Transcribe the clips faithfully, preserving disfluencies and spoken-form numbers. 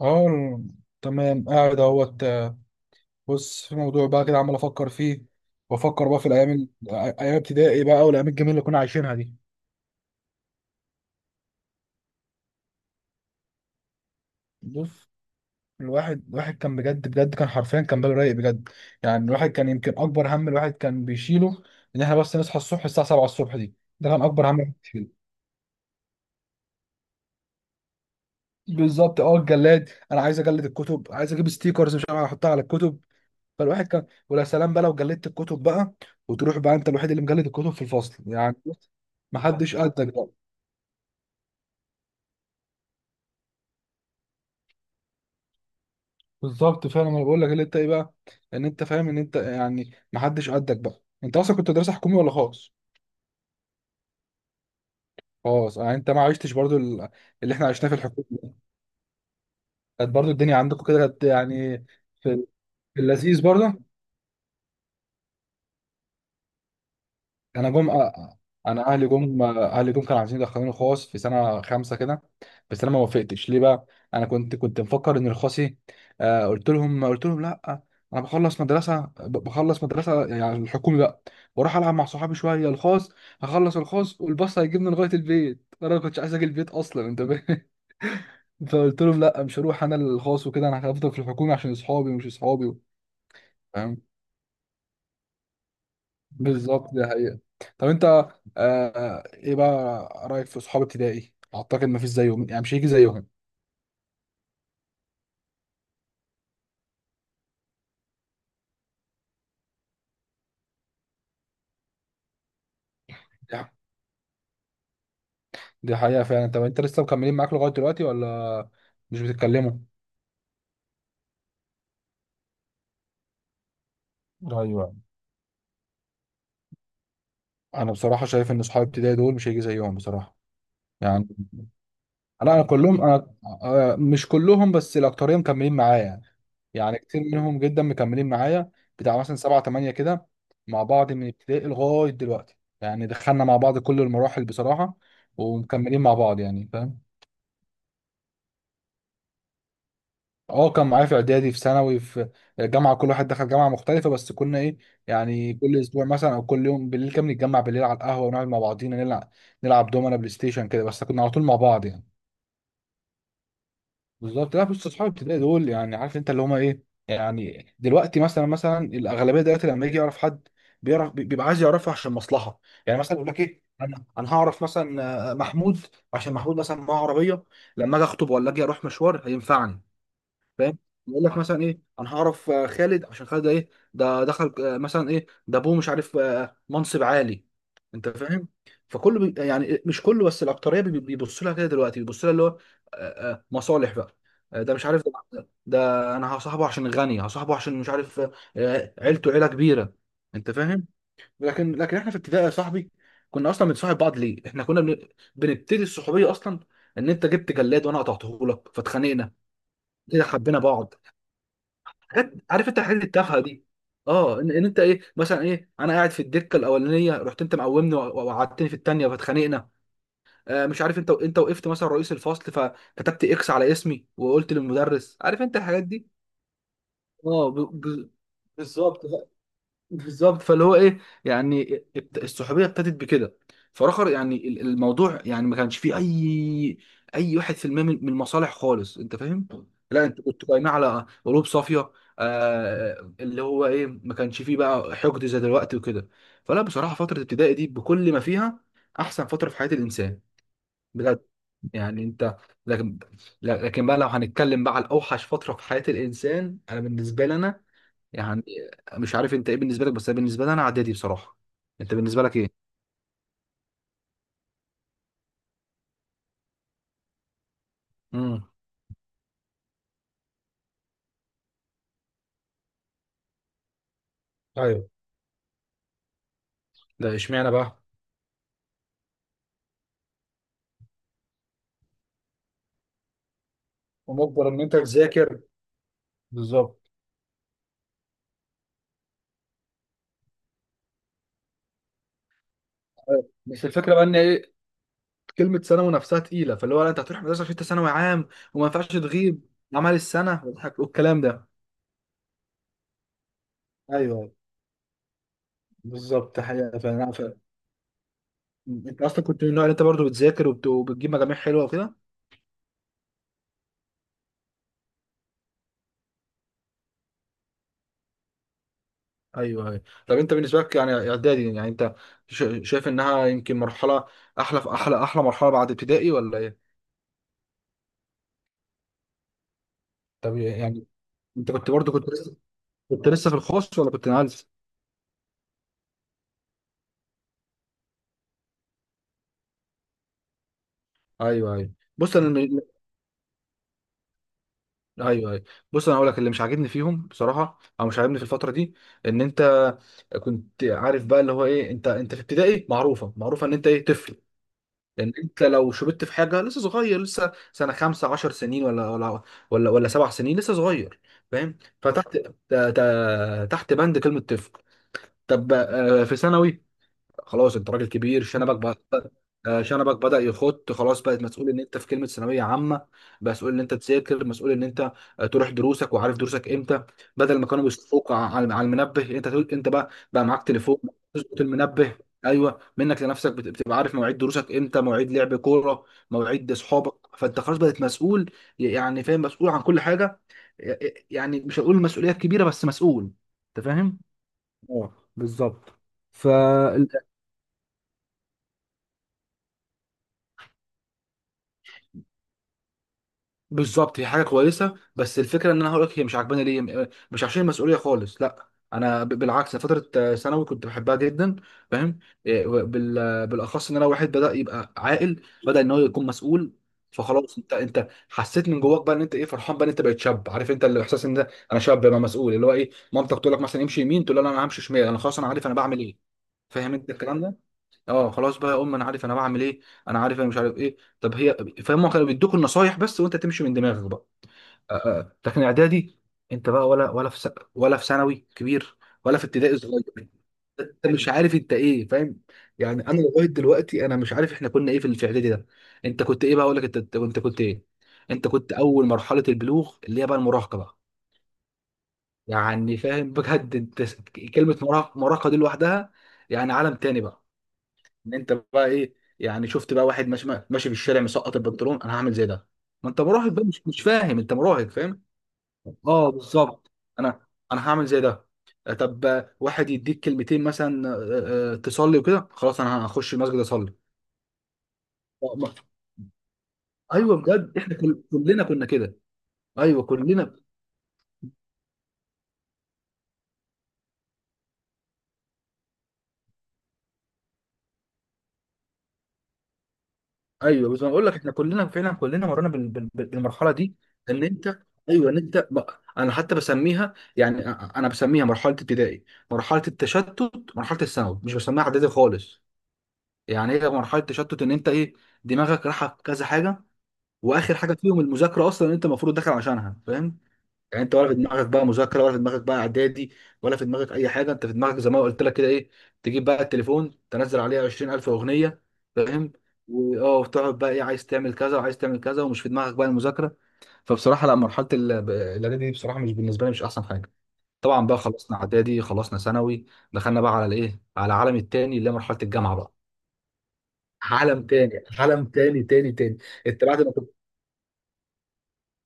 اه. تمام، قاعد اهوت. بص، في موضوع بقى كده عمال افكر فيه، وافكر بقى في الايام ال- ايام ابتدائي بقى، والايام الجميله اللي كنا عايشينها دي. بص، الواحد الواحد كان بجد بجد، كان حرفيا كان باله رايق بجد. يعني الواحد كان يمكن اكبر هم الواحد كان بيشيله ان احنا بس نصحى الصبح الساعه سبعه الصبح دي. ده كان اكبر هم الواحد بيشيله. بالظبط. اه، الجلاد، انا عايز اجلد الكتب، عايز اجيب ستيكرز، مش عارف احطها على الكتب. فالواحد كان ولا سلام بقى لو جلدت الكتب بقى، وتروح بقى انت الوحيد اللي مجلد الكتب في الفصل، يعني بص، محدش قدك بقى. بالظبط فعلا، انا بقول لك اللي انت ايه بقى، ان انت فاهم ان انت يعني محدش قدك بقى. انت اصلا كنت مدرسه حكومي ولا خاص؟ خاص، يعني انت ما عشتش برضو ال- اللي احنا عشناه في الحكومه. كانت برضو الدنيا عندكم كده كانت، يعني في في اللذيذ برضو. انا جم، آه، انا اهلي جم، اهلي جم كانوا عايزين يدخلوني خاص في سنه خمسه كده. بس انا ما وافقتش ليه بقى؟ انا كنت كنت مفكر ان الخاصي، آه قلت لهم، قلت لهم لا، انا بخلص مدرسه، ب- بخلص مدرسه يعني الحكومي بقى، واروح العب مع صحابي شويه. الخاص هخلص الخاص، والباص هيجيبني لغايه البيت. انا ما كنتش عايز اجي البيت اصلا، انت فاهم؟ فقلت لهم لا، مش هروح انا الخاص، وكده انا هفضل في الحكومي عشان اصحابي ومش اصحابي. فاهم؟ بالظبط، دي حقيقة. طب انت، آه ايه بقى رأيك في صحاب ابتدائي؟ اعتقد ما فيش زيهم، يعني مش هيجي زيهم. دي ح- دي حقيقة فعلا. طب انت لسه مكملين معاك لغاية دلوقتي ولا مش بتتكلموا؟ ايوه. انا بصراحة شايف ان صحاب ابتدائي دول مش هيجي زيهم بصراحة، يعني. لا، انا كلهم، انا آه مش كلهم، بس الأكترية مكملين معايا يعني، يعني كتير منهم جدا مكملين معايا. بتاع مثلا سبعة تمانية كده مع بعض من ابتدائي لغاية دلوقتي. يعني دخلنا مع بعض كل المراحل بصراحة، ومكملين مع بعض، يعني فاهم؟ اه، كان معايا في اعدادي، في ثانوي، في جامعة. كل واحد دخل جامعة مختلفة، بس كنا ايه، يعني كل اسبوع مثلا او كل يوم بالليل كان نتجمع بالليل على القهوة، ونقعد مع بعضينا نلعب نلعب دومنا، بلاي ستيشن كده، بس كنا على طول مع بعض يعني. بالظبط. لا بص، اصحاب الابتدائي دول، يعني عارف انت اللي هما ايه. يعني دلوقتي، مثلا مثلا الاغلبيه دلوقتي لما يجي يعرف حد، بيعرف بي- بيبقى عايز يعرفه عشان مصلحه. يعني مثلا يقول لك ايه، انا انا هعرف مثلا آه، محمود، عشان محمود مثلا معاه عربيه، لما اجي اخطب ولا اجي اروح مشوار هينفعني. فاهم؟ يقول لك مثلا ايه، انا هعرف آه، خالد، عشان خالد ده ايه، ده دخل، آه، مثلا ايه، ده ابوه مش عارف، آه، منصب عالي. انت فاهم؟ فكله بي يعني مش كله، بس الاكتريه بي- بيبص لها كده دلوقتي، بيبص لها اللي هو آه، آه، مصالح بقى، آه، ده مش عارف، ده, ده انا هصاحبه عشان غني، هصاحبه عشان مش عارف، آه، آه، عيلته عيله كبيره. انت فاهم؟ لكن لكن احنا في ابتدائي يا صاحبي كنا اصلا بنصاحب بعض ليه؟ احنا كنا بن- بنبتدي الصحوبيه اصلا ان انت جبت جلاد وانا قطعته لك فاتخانقنا، كده حبينا بعض. حاجات عارف انت الحاجات التافهه دي. اه، ان, ان انت ايه مثلا، ايه انا قاعد في الدكه الاولانيه، رحت انت مقومني وق- وقعدتني في الثانيه فاتخانقنا. آه مش عارف انت انت وقفت مثلا رئيس الفصل، فكتبت اكس على اسمي وقلت للمدرس. عارف انت الحاجات دي؟ اه، ب... ب... بالظبط. بالظبط، فاللي هو ايه، يعني ابت- الصحوبيه ابتدت بكده. فراخر يعني ال- الموضوع، يعني ما كانش فيه اي، اي واحد في المية من من المصالح خالص. انت فاهم؟ لا، انت كنت قايمه على قلوب صافيه، آه اللي هو ايه، ما كانش فيه بقى حقد زي دلوقتي وكده. فلا بصراحه، فتره الابتدائي دي بكل ما فيها احسن فتره في حياه الانسان بجد. يعني انت، لكن لكن بقى لو هنتكلم بقى على اوحش فتره في حياه الانسان، انا بالنسبه لنا، مش عارف انت ايه بالنسبه لك، بس بالنسبه لي انا اعدادي بصراحه. انت بالنسبه لك ايه؟ امم. ايوه، ده اشمعنى بقى؟ ومجبر ان انت تذاكر، بالظبط. بس الفكره بقى ان ايه، كلمه ثانوي نفسها تقيله. فاللي هو لا، انت هتروح مدرسه عشان انت ثانوي عام، وما ينفعش تغيب، عمل السنه واضحك والكلام ده. ايوه، بالظبط حقيقة فعلا. ف... انت اصلا كنت من النوع اللي انت برضو بتذاكر وبت- وبتجيب مجاميع حلوه وكده. ايوه ايوه. طب انت بالنسبه لك يعني اعدادي، يعني انت شا- شايف انها يمكن مرحله، احلى احلى احلى مرحله بعد ابتدائي ولا ايه؟ طب يعني انت كنت برضو، كنت لسه كنت لسه في الخاص ولا كنت نقلت؟ ايوه ايوه. بص انا، م- ايوه ايوه بص انا هقول لك اللي مش عاجبني فيهم بصراحه، او مش عاجبني في الفتره دي، ان انت كنت عارف بقى اللي هو ايه، انت انت في ابتدائي معروفه معروفه ان انت ايه، طفل. ان انت لو شربت في حاجه لسه صغير، لسه سنه خمسة عشر سنين، ولا ولا ولا ولا سبع سنين، لسه صغير. فاهم؟ فتحت ت- ت- تحت بند كلمه طفل. طب آه، في ثانوي خلاص انت راجل كبير، شنبك بقى، آه، شنبك بدأ يخط، خلاص بقت مسؤول ان انت في كلمة ثانوية عامة، مسؤول ان انت تذاكر، مسؤول ان انت آه، تروح دروسك وعارف دروسك امتى. بدل ما كانوا بيشوفوك ع- على على المنبه، انت تقول، انت بقى بقى معاك تليفون تظبط المنبه. ايوه، منك لنفسك بت- بتبقى عارف مواعيد دروسك امتى، مواعيد لعب كورة، مواعيد اصحابك. فانت خلاص بقيت مسؤول، يعني فاهم؟ مسؤول عن كل حاجة، يعني مش هقول مسؤولية كبيرة بس مسؤول. انت فاهم؟ اه، بالظبط. ف بالظبط، هي حاجه كويسه، بس الفكره ان انا هقول لك هي مش عاجباني ليه، م- مش عشان المسؤوليه خالص، لا انا ب- بالعكس. أنا فتره آه، ثانوي كنت بحبها جدا. فاهم؟ إيه، و- بال- آه، بالاخص ان انا واحد بدا يبقى عاقل، بدا ان هو يكون مسؤول. فخلاص انت انت حسيت من جواك بقى ان انت ايه، فرحان بقى ان انت بقيت شاب. عارف انت الاحساس ان ده انا شاب بقى مسؤول. اللي هو ايه، مامتك تقول لك مثلا امشي يمين، تقول لها لا انا همشي شمال، انا خلاص انا عارف انا بعمل ايه. فاهم انت الكلام ده؟ اه، خلاص بقى يا ام، انا عارف انا بعمل ايه، انا عارف انا مش عارف ايه طب هي. فهم كانوا بيدوك النصايح بس، وانت تمشي من دماغك بقى. آه، آه. لكن اعدادي، انت بقى، ولا ولا في س... ولا في ثانوي كبير، ولا في ابتدائي صغير، انت مش عارف انت ايه، فاهم؟ يعني انا لغايه دلوقتي انا مش عارف احنا كنا ايه في ال- في اعدادي ده. انت كنت ايه بقى؟ اقول لك انت انت كنت كنت ايه، انت كنت اول مرحله البلوغ اللي هي بقى المراهقه بقى. يعني فاهم بجد؟ انت س- كلمه مراهقه، مراهقه دي لوحدها يعني عالم تاني بقى. ان انت بقى ايه، يعني شفت بقى واحد ماشي ماشي في الشارع مسقط البنطلون، انا هعمل زي ده. ما انت مراهق بقى، مش مش فاهم، انت مراهق فاهم. اه، بالظبط. انا انا هعمل زي ده. آه، طب آه، واحد يديك كلمتين مثلا، آه، آه، تصلي وكده، خلاص انا هخش المسجد اصلي. آه، ما- ايوه بجد، احنا كل- كلنا كنا كده. ايوه، كلنا. ايوه، بس انا بقول لك احنا كلنا فعلا، كلنا مرينا بال- بال- بال- بالمرحله دي ان انت، ايوه ان انت بقى، انا حتى بسميها يعني، أ- أ- انا بسميها مرحله ابتدائي، مرحله التشتت، مرحله الثانوي، مش بسميها اعدادي خالص. يعني هي مرحله تشتت ان انت ايه، دماغك رايحه في كذا حاجه، واخر حاجه فيهم المذاكره اصلا ان انت المفروض داخل عشانها، فاهم؟ يعني انت ولا في دماغك بقى مذاكره، ولا في دماغك بقى اعدادي، ولا في دماغك اي حاجه، انت في دماغك زي ما قلت لك كده ايه، تجيب بقى التليفون تنزل عليه عشرين الف اغنيه. فاهم؟ واه وتقعد بقى ايه، عايز تعمل كذا وعايز تعمل كذا، ومش في دماغك بقى المذاكره. فبصراحه لا، مرحله ال- الاعدادي دي بصراحه، مش بالنسبه لي مش احسن حاجه. طبعا بقى خلصنا اعدادي، خلصنا ثانوي، دخلنا بقى على الايه، على العالم التاني اللي هي مرحله الجامعه بقى. عالم تاني، عالم تاني تاني تاني. انت بعد ما كنت،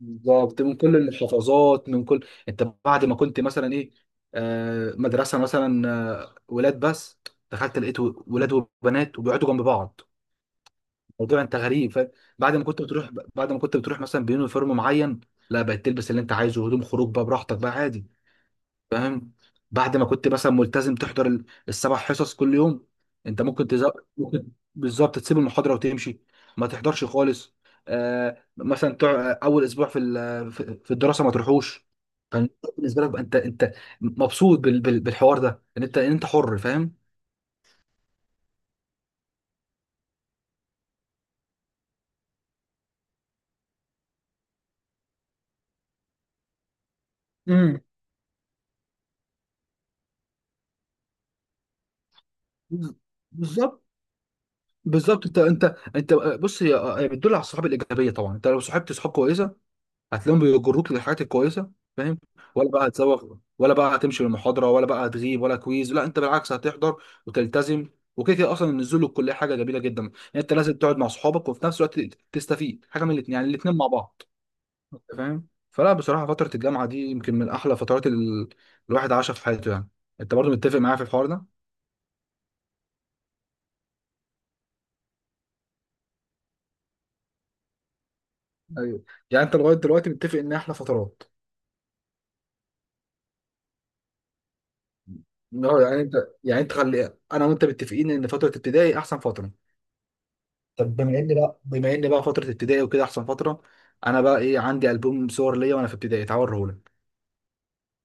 بالظبط، من كل المحافظات، من كل انت بعد ما كنت مثلا ايه، آه، مدرسه مثلا آه، ولاد بس، دخلت لقيت ولاد وبنات وبيقعدوا جنب بعض، الموضوع انت غريب، فاهم؟ بعد ما كنت بتروح بعد ما كنت بتروح مثلا بيونيفورم معين، لا بقت تلبس اللي انت عايزه، هدوم خروج بقى براحتك بقى عادي، فاهم؟ بعد ما كنت مثلا ملتزم تحضر ال- السبع حصص كل يوم، انت ممكن تزق، ممكن، بالظبط تسيب المحاضره وتمشي، ما تحضرش خالص. آه مثلا تع... اول اسبوع في ال- في في الدراسه ما تروحوش. فانت بالنسبه لك بقى، انت انت مبسوط بال... بال... بالحوار ده، ان انت ان انت حر فاهم؟ امم. بز- بالظبط، بالظبط، انت انت انت، بص، هي هي بتدل على الصحاب الايجابيه. طبعا انت لو صاحبت صحاب كويسه هتلاقيهم بيجروك للحاجات الكويسه، فاهم؟ ولا بقى هتزوغ، ولا بقى هتمشي للمحاضره، ولا بقى هتغيب، ولا كويز، لا انت بالعكس هتحضر وتلتزم. وكده كده اصلا النزول للكليه حاجه جميله جدا. يعني انت لازم تقعد مع اصحابك، وفي نفس الوقت تستفيد حاجه من الاثنين، يعني الاثنين مع بعض. أنت فاهم؟ فلا بصراحه، فتره الجامعه دي يمكن من احلى فترات ال... الواحد عاشها في حياته يعني. انت برضو متفق معايا في الحوار ده؟ ايوه. يعني انت لغايه دلوقتي متفق ان احلى فترات. اه، يعني انت، يعني انت خلي انا وانت متفقين ان فتره ابتدائي احسن فتره. طب بما ان بقى، بما ان بقى فتره ابتدائي وكده احسن فتره، انا بقى ايه عندي البوم صور ليا وانا في ابتدائي، تعال اوريهولك.